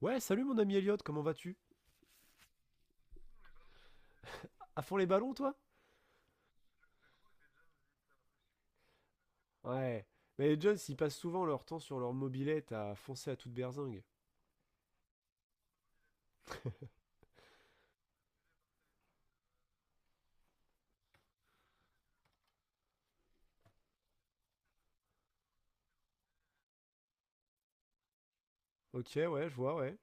Ouais, salut mon ami Elliot, comment vas-tu? À fond les ballons, toi? Ouais. Mais les Jones, ils passent souvent leur temps sur leur mobilette à foncer à toute berzingue. Ok, ouais, je vois, ouais.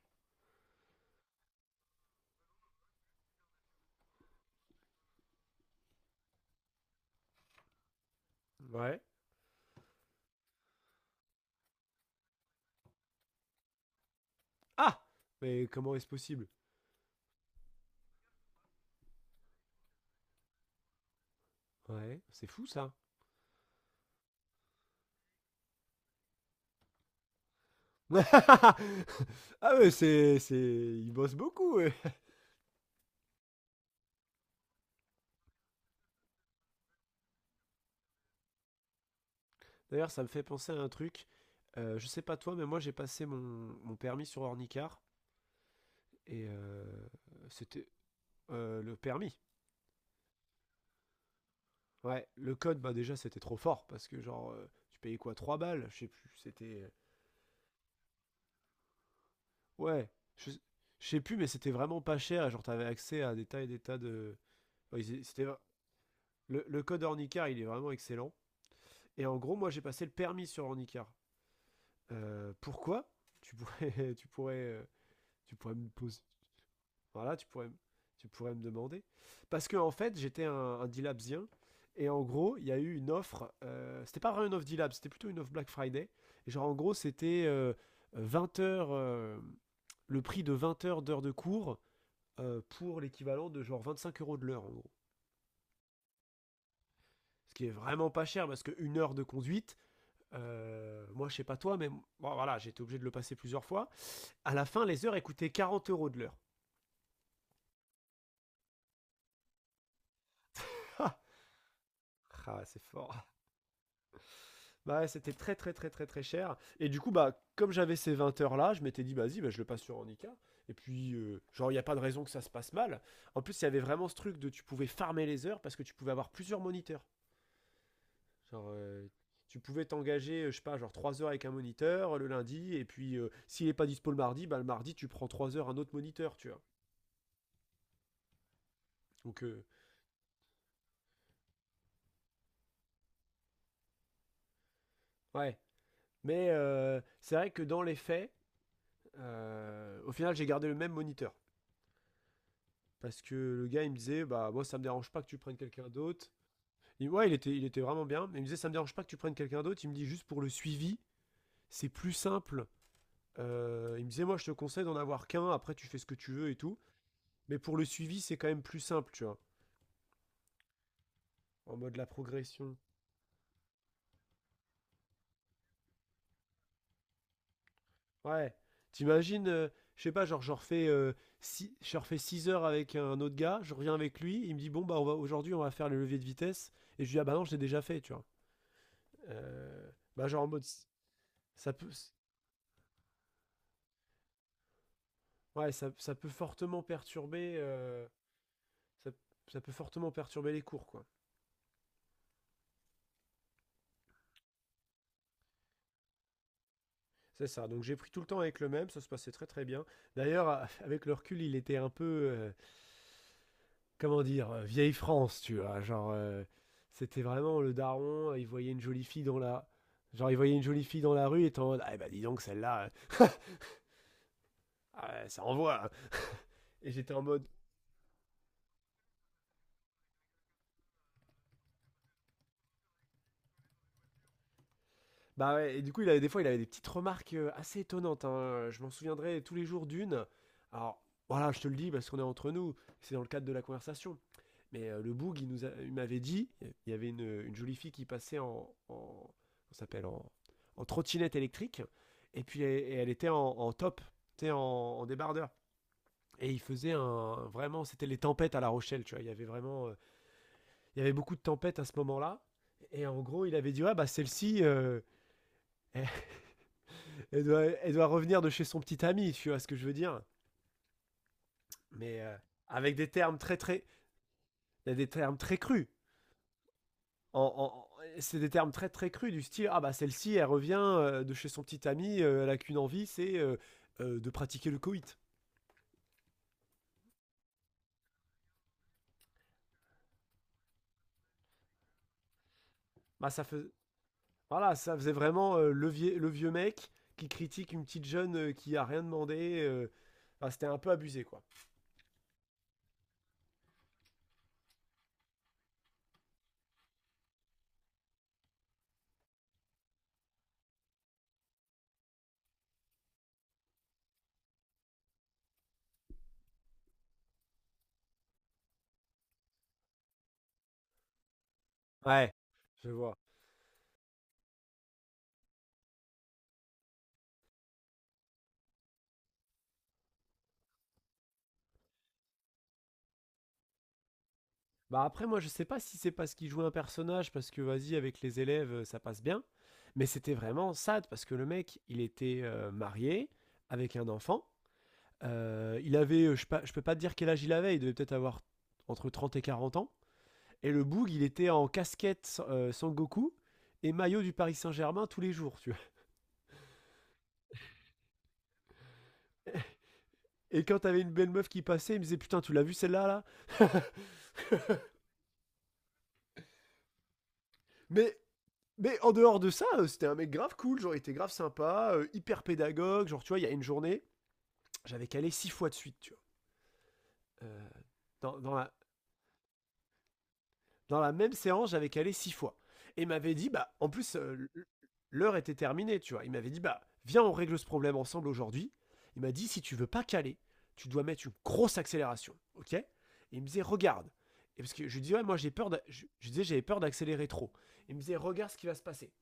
Ouais. Ah! Mais comment est-ce possible? Ouais, c'est fou ça. Ah ouais, ils bossent beaucoup, ouais. D'ailleurs, ça me fait penser à un truc. Je sais pas toi, mais moi j'ai passé mon permis sur Ornicar. Et euh, c'était... le permis. Ouais, le code, bah déjà, c'était trop fort parce que, genre, tu payais quoi 3 balles. Je sais plus, c'était. Ouais, je je sais plus, mais c'était vraiment pas cher et genre, t'avais accès à des tas et des tas de. Ouais, c'était... Le code Ornicar, il est vraiment excellent. Et en gros, moi, j'ai passé le permis sur Ornicar. Pourquoi tu pourrais, tu pourrais me poser, voilà, tu pourrais me demander. Parce que en fait, j'étais un D-Labsien. Et en gros, il y a eu une offre. C'était pas vraiment une offre D-Lab, c'était plutôt une offre Black Friday. Et genre, en gros, c'était 20 heures. Le prix de 20 heures d'heures de cours pour l'équivalent de genre 25 euros de l'heure, en gros. Ce qui est vraiment pas cher parce qu'une heure de conduite. Moi, je sais pas toi, mais bon, voilà, j'ai été obligé de le passer plusieurs fois. À la fin, les heures elles coûtaient 40 euros de l'heure. Ah, c'est fort. Bah, ouais, c'était très très très très très cher. Et du coup, bah, comme j'avais ces 20 heures là, je m'étais dit, vas-y, bah, je le passe sur Handicap. Et puis, genre, il n'y a pas de raison que ça se passe mal. En plus, il y avait vraiment ce truc de tu pouvais farmer les heures parce que tu pouvais avoir plusieurs moniteurs. Genre, tu pouvais t'engager, je sais pas, genre 3 heures avec un moniteur le lundi. Et puis, s'il n'est pas dispo le mardi, bah, le mardi, tu prends 3 heures un autre moniteur, tu vois. Donc, ouais. Mais c'est vrai que dans les faits, au final, j'ai gardé le même moniteur. Parce que le gars, il me disait, bah, moi, ça me dérange pas que tu prennes quelqu'un d'autre. Ouais, il était vraiment bien. Mais il me disait, ça me dérange pas que tu prennes quelqu'un d'autre. Il me dit, juste pour le suivi, c'est plus simple. Il me disait, moi, je te conseille d'en avoir qu'un. Après, tu fais ce que tu veux et tout. Mais pour le suivi, c'est quand même plus simple, tu vois. En mode la progression. Ouais. T'imagines, je sais pas, genre, je refais 6 heures avec un autre gars. Je reviens avec lui. Il me dit, bon, bah, aujourd'hui, on va faire les leviers de vitesse. Et je lui dis, ah, bah non, je l'ai déjà fait, tu vois. Bah, genre, en mode. Ça peut, Ouais, ça peut fortement perturber, ça, les cours, quoi. C'est ça. Donc j'ai pris tout le temps avec le même, ça se passait très très bien. D'ailleurs, avec le recul, il était un peu, comment dire, vieille France, tu vois. Genre, c'était vraiment le daron. Il voyait une jolie fille dans la, genre il voyait une jolie fille dans la rue, et était en mode, ah bah dis donc celle-là, ah, ça envoie, hein. Et j'étais en mode, bah ouais, et du coup, il avait, des fois, il avait des petites remarques assez étonnantes, hein. Je m'en souviendrai tous les jours d'une. Alors, voilà, je te le dis parce qu'on est entre nous, c'est dans le cadre de la conversation. Mais le boug, il m'avait dit, il y avait une jolie fille qui passait en comment ça s'appelle, en trottinette électrique, et puis et elle était en top, tu sais, en débardeur. Et vraiment, c'était les tempêtes à La Rochelle, tu vois. Il y avait beaucoup de tempêtes à ce moment-là. Et en gros, il avait dit, ouais bah celle-ci, elle, elle doit revenir de chez son petit ami, tu vois ce que je veux dire. Mais avec des termes très crus. En, en- c'est des termes très très crus du style ah bah celle-ci elle revient de chez son petit ami, elle a qu'une envie, c'est de pratiquer le coït. Bah ça fais- voilà, ça faisait vraiment le vieux mec qui critique une petite jeune qui a rien demandé. Enfin, c'était un peu abusé quoi. Ouais, je vois. Bah après, moi, je sais pas si c'est parce qu'il jouait un personnage, parce que vas-y, avec les élèves, ça passe bien. Mais c'était vraiment sad, parce que le mec, il était marié, avec un enfant. Il avait, je peux pas te dire quel âge il avait, il devait peut-être avoir entre 30 et 40 ans. Et le Boog, il était en casquette Sangoku et maillot du Paris Saint-Germain tous les jours, tu vois. Et quand t'avais une belle meuf qui passait, il me disait: Putain, tu l'as vu celle-là, là? Mais. En dehors de ça, c'était un mec grave cool, genre il était grave sympa, hyper pédagogue, genre tu vois, il y a une journée, j'avais calé six fois de suite, tu vois. Dans, dans la, Dans la même séance, j'avais calé six fois. Et il m'avait dit, bah, en plus, l'heure était terminée, tu vois. Il m'avait dit, bah, viens, on règle ce problème ensemble aujourd'hui. Il m'a dit, si tu veux pas caler, tu dois mettre une grosse accélération, ok. Et il me disait, regarde. Et parce que je lui disais, ouais, moi, j'ai peur, je disais, j'avais peur d'accélérer trop. Il me disait, regarde ce qui va se passer.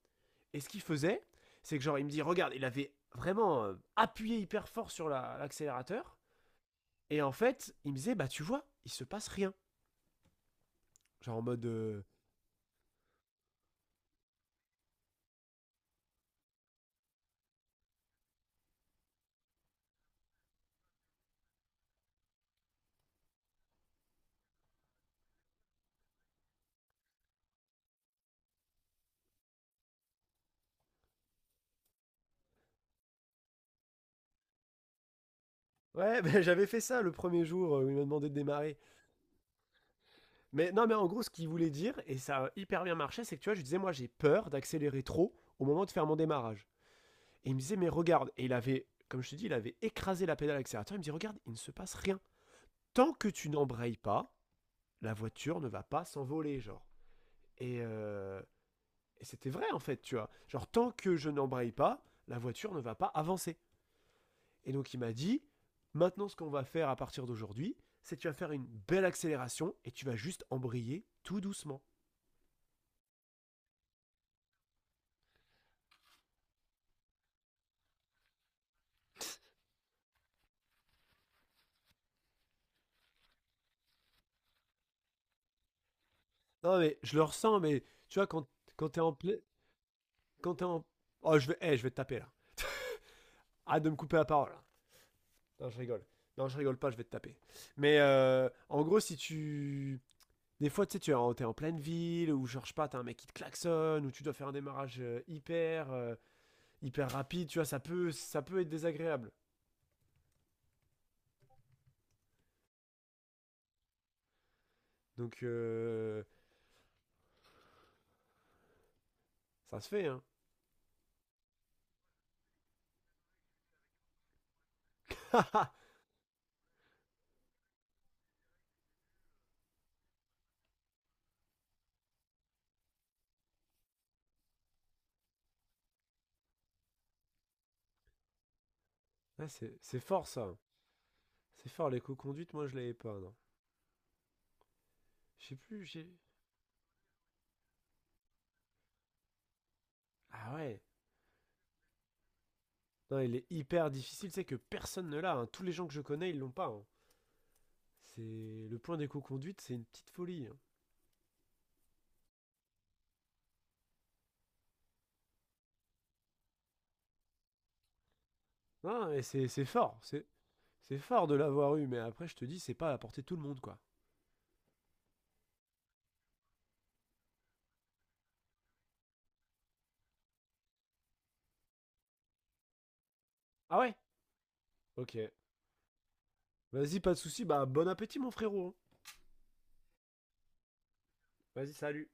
Et ce qu'il faisait, c'est que genre, il me dit, regarde, il avait vraiment appuyé hyper fort sur l'accélérateur. Et en fait, il me disait, bah tu vois, il se passe rien. Genre en mode, ouais, bah, j'avais fait ça le premier jour où il m'a demandé de démarrer. Mais non, mais en gros, ce qu'il voulait dire, et ça a hyper bien marché, c'est que tu vois, je lui disais, moi j'ai peur d'accélérer trop au moment de faire mon démarrage. Et il me disait, mais regarde, et il avait, comme je te dis, il avait écrasé la pédale accélérateur, il me dit, regarde, il ne se passe rien. Tant que tu n'embrayes pas, la voiture ne va pas s'envoler, genre. Et, euh, et c'était vrai, en fait, tu vois. Genre, tant que je n'embraye pas, la voiture ne va pas avancer. Et donc il m'a dit, maintenant ce qu'on va faire à partir d'aujourd'hui, c'est que tu vas faire une belle accélération et tu vas juste embrayer tout doucement. Non mais je le ressens, mais tu vois, quand t'es en... Quand t'es en... Oh, je vais te taper là. Arrête de me couper la parole, là. Non, je rigole. Non, je rigole pas, je vais te taper. Mais en gros, si tu... Des fois, tu sais, t'es en pleine ville, ou genre, je sais pas, t'as un mec qui te klaxonne, ou tu dois faire un démarrage hyper rapide, tu vois, ça peut être désagréable. Donc, ça se fait, hein. Ah, c'est fort ça. C'est fort, l'éco-conduite, moi je l'avais pas. Non. Je sais plus, j'ai. Ah ouais. Non, il est hyper difficile, c'est que personne ne l'a, hein. Tous les gens que je connais, ils l'ont pas, hein. C'est le point d'éco-conduite, c'est une petite folie, hein. Non, mais c'est fort, c'est fort de l'avoir eu, mais après je te dis, c'est pas à portée de tout le monde quoi. Ah ouais. Ok. Vas-y, pas de souci. Bah bon appétit mon frérot, hein. Vas-y, salut.